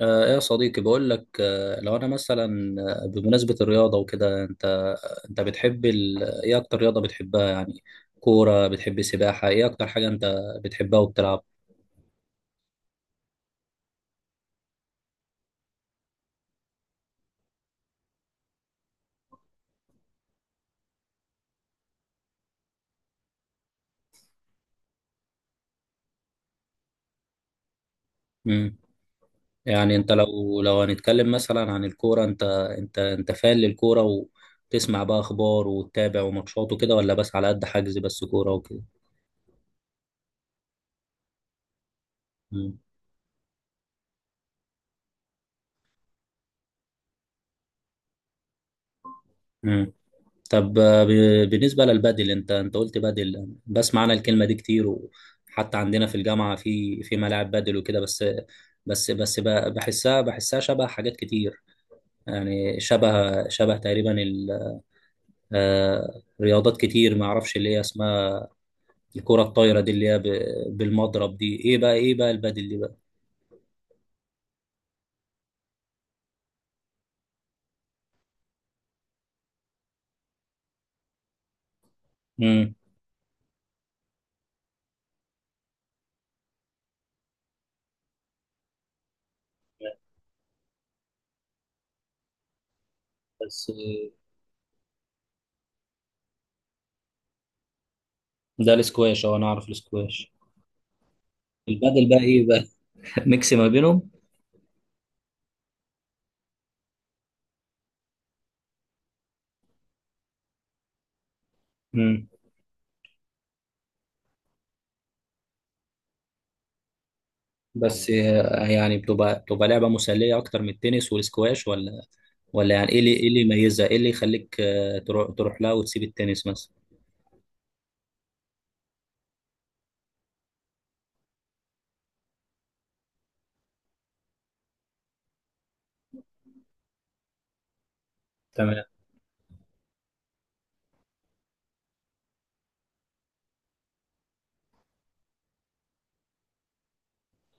ايه يا صديقي، بقول لك لو انا مثلا بمناسبة الرياضة وكده، انت بتحب ايه اكتر رياضة بتحبها؟ يعني كورة؟ بتحب سباحة؟ ايه اكتر حاجة انت بتحبها وبتلعب؟ مم. يعني انت لو هنتكلم مثلا عن الكورة، انت فان للكورة، وتسمع بقى اخبار وتتابع وماتشات وكده، ولا بس على قد حجز، بس كورة وكده؟ مم. مم. طب، بالنسبة للبادل، انت قلت بادل، بسمع انا الكلمة دي كتير، وحتى عندنا في الجامعة في ملاعب بادل وكده، بس بس بحسها شبه حاجات كتير، يعني شبه تقريبا رياضات كتير ما اعرفش اللي هي اسمها. الكرة الطايرة دي، اللي هي بالمضرب دي، ايه بقى؟ البادل دي بقى؟ امم. بس، ده الاسكواش. اه انا اعرف الاسكواش. البادل بقى ايه بقى؟ ميكس ما بينهم. بس، يعني بتبقى لعبة مسلية أكتر من التنس والسكواش، ولا؟ ولا يعني إيه اللي يميزها؟ إيه اللي يخليك تروح لها وتسيب التنس مثلا؟ تمام.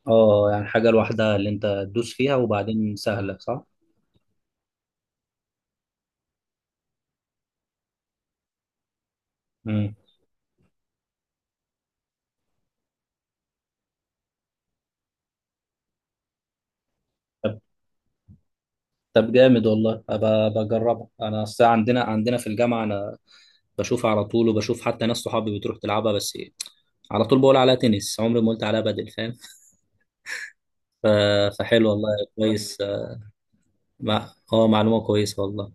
أه، يعني حاجة لوحدها اللي أنت تدوس فيها، وبعدين سهلة، صح؟ مم. طب طب جامد والله، أبقى بجربها. أنا أصل عندنا في الجامعة، أنا بشوفها على طول، وبشوف حتى ناس صحابي بتروح تلعبها، بس على طول بقول عليها تنس، عمري ما قلت عليها بدل، فاهم؟ ف- فحلو والله. كويس. مع- أه معلومة كويسة والله.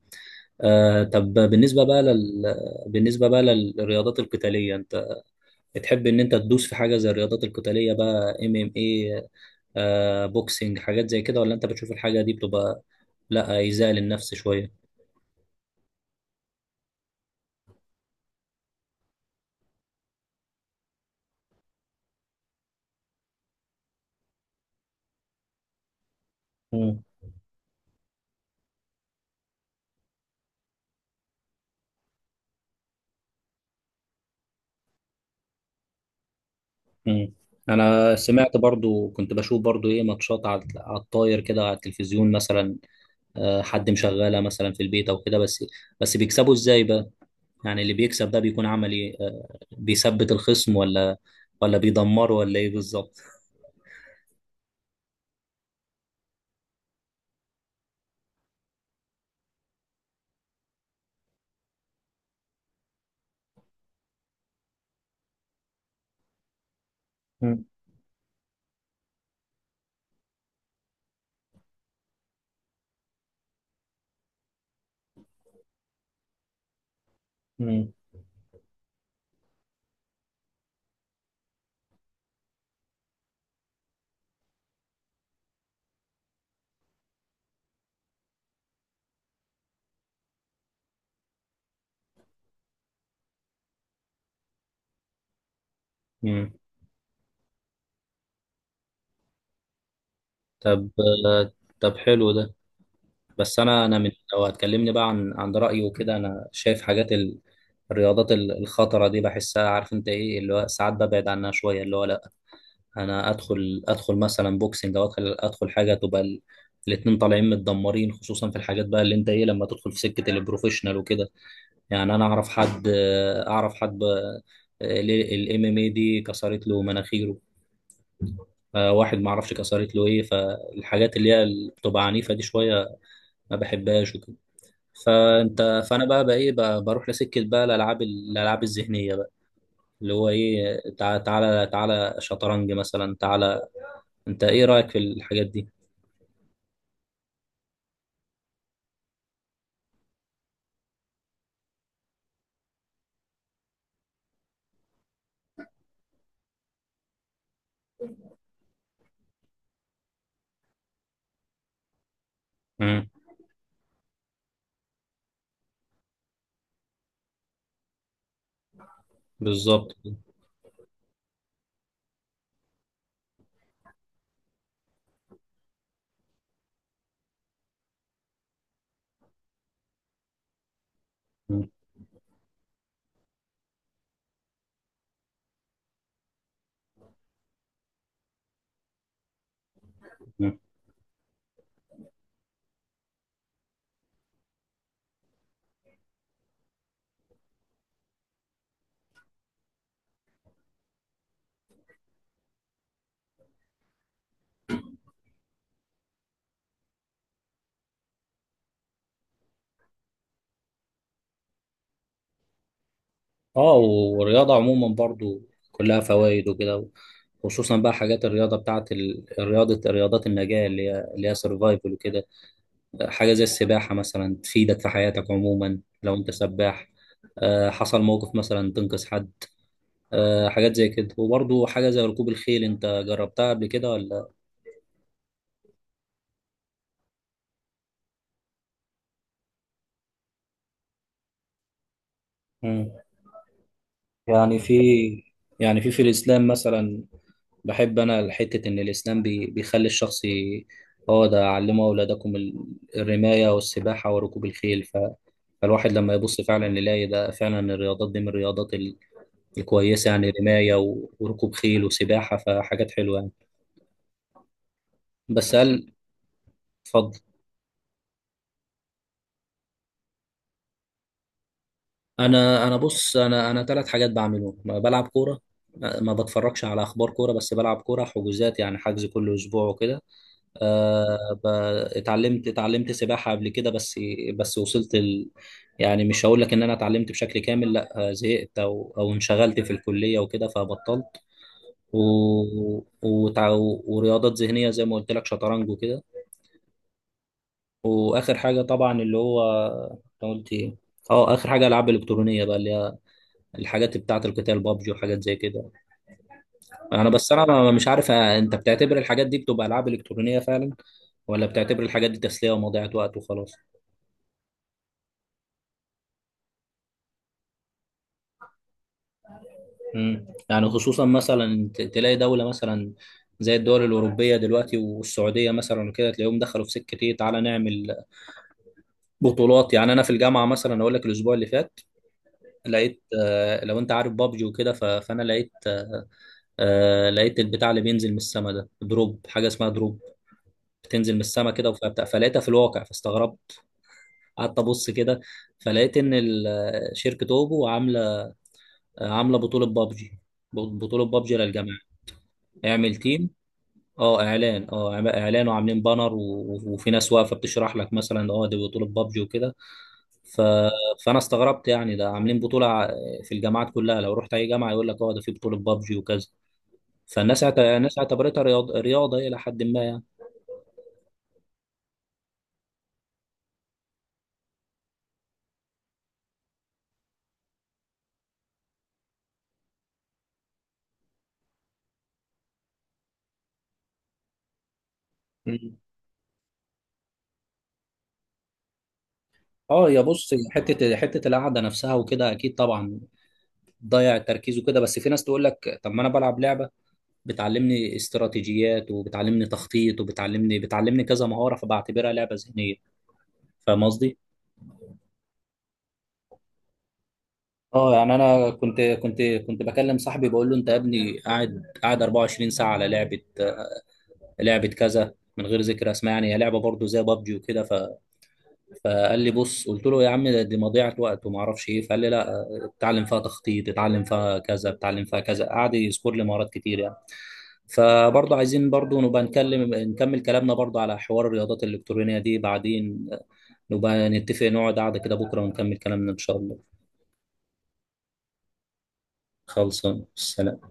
طب، بالنسبة بقى بالنسبة بقى للرياضات القتالية، انت بتحب ان انت تدوس في حاجة زي الرياضات القتالية بقى، MMA، بوكسنج، حاجات زي كده؟ ولا انت بتشوف الحاجة دي بتبقى لا، ايذاء للنفس شوية؟ مم. مم. انا سمعت برضو، كنت بشوف برضو ايه ماتشات على الطاير كده، على التلفزيون مثلا، حد مشغلها مثلا في البيت او كده، بس بس بيكسبوا ازاي بقى؟ يعني اللي بيكسب ده بيكون عمل ايه؟ بيثبت الخصم، ولا ولا بيدمره، ولا ايه بالظبط؟ مم. مم. طب آه، طب، حلو ده. بس انا من، لو هتكلمني بقى عن رايي وكده، انا شايف حاجات الرياضات الخطره دي، بحسها، عارف انت ايه؟ اللي هو ساعات ببعد عنها شويه، اللي هو لا، انا ادخل مثلا بوكسنج، او ادخل حاجه تبقى الاتنين طالعين متدمرين، خصوصا في الحاجات بقى اللي انت ايه، لما تدخل في سكه البروفيشنال وكده. يعني انا اعرف حد، الام ام اي دي كسرت له مناخيره، واحد ما اعرفش كسرت له ايه. فالحاجات اللي هي اللي بتبقى عنيفه دي شويه، ما بحبهاش وكده. فانت فانا بقى ايه بقى، بروح لسكه بقى الالعاب الذهنيه بقى، اللي هو ايه، تعالى تعالى شطرنج مثلا، تعالى. انت ايه رايك في الحاجات دي؟ مم. بالظبط. مم. مم. اه، والرياضه عموما برضو كلها فوائد وكده، خصوصا بقى حاجات الرياضه بتاعت ال- الرياضه رياضات النجاه، اللي هي سرفايفل وكده، حاجة زي السباحة مثلا تفيدك في حياتك عموما، لو أنت سباح، حصل موقف مثلا تنقذ حد، حاجات زي كده. وبرضه حاجة زي ركوب الخيل، أنت جربتها قبل كده ولا؟ مم. يعني في يعني في الإسلام مثلا، بحب أنا حتة إن الإسلام بيخلي الشخص هو ده، علموا أولادكم الرماية والسباحة وركوب الخيل. فالواحد لما يبص فعلا يلاقي ده، فعلا الرياضات دي من الرياضات الكويسة، يعني رماية وركوب خيل وسباحة، فحاجات حلوة. بس هل اتفضل، انا بص، انا ثلاث حاجات بعملهم، ما بلعب كوره، ما بتفرجش على اخبار كوره، بس بلعب كوره حجوزات، يعني حجز كل اسبوع وكده. أه، اتعلمت سباحه قبل كده، بس بس وصلت يعني مش هقول لك ان انا اتعلمت بشكل كامل، لا، زهقت او انشغلت في الكليه وكده، فبطلت، و... وتع... ورياضات ذهنيه زي ما قلت لك، شطرنج وكده. واخر حاجه طبعا، اللي هو أنت قلت ايه؟ اه، اخر حاجه العاب الكترونيه بقى، اللي الحاجات بتاعة القتال، بابجي وحاجات زي كده. انا بس، انا مش عارف، انت بتعتبر الحاجات دي بتبقى العاب الكترونية فعلا، ولا بتعتبر الحاجات دي تسلية ومضيعة وقت وخلاص؟ يعني خصوصا مثلا تلاقي دولة مثلا، زي الدول الأوروبية دلوقتي، والسعودية مثلا وكده، تلاقيهم دخلوا في سكة إيه، تعالى نعمل بطولات. يعني أنا في الجامعة مثلا أقول لك، الأسبوع اللي فات لقيت، لو أنت عارف بابجي وكده، فأنا لقيت، لقيت البتاع اللي بينزل من السما ده، دروب، حاجة اسمها دروب، بتنزل من السما كده، فلقيتها في الواقع، فاستغربت، قعدت ابص كده، فلقيت ان شركه اوبو عامله بطوله بابجي، بطوله بابجي للجماعه، اعمل تيم. اه، اعلان، وعاملين بانر وفي ناس واقفه بتشرح لك، مثلا دي بطوله بابجي وكده. ف... فانا استغربت، يعني ده عاملين بطوله في الجامعات كلها، لو رحت اي جامعه يقول لك اه ده في بطوله بابجي وكذا. الناس اعتبرتها رياضه الى حد ما، يعني. مم. اه، يا بص، حته القعده نفسها وكده اكيد طبعا، ضيع تركيزه كده، بس في ناس تقول لك طب ما انا بلعب لعبه بتعلمني استراتيجيات، وبتعلمني تخطيط، وبتعلمني كذا مهاره، فبعتبرها لعبه ذهنيه، فاهم قصدي؟ اه يعني انا كنت بكلم صاحبي، بقول له: انت يا ابني قاعد 24 ساعه على لعبه كذا، من غير ذكر اسماء، يعني هي لعبه برضه زي بابجي وكده. فقال لي بص، قلت له يا عم دي مضيعه وقت وما اعرفش ايه، فقال لي لا، اتعلم فيها تخطيط، اتعلم فيها كذا، اتعلم فيها كذا، قعد يذكر لي مهارات كتير يعني. فبرضه عايزين برضه نبقى نكمل كلامنا برضه على حوار الرياضات الإلكترونية دي بعدين، نبقى نتفق نقعد قعدة كده بكرة ونكمل كلامنا إن شاء الله. خلصان، سلام.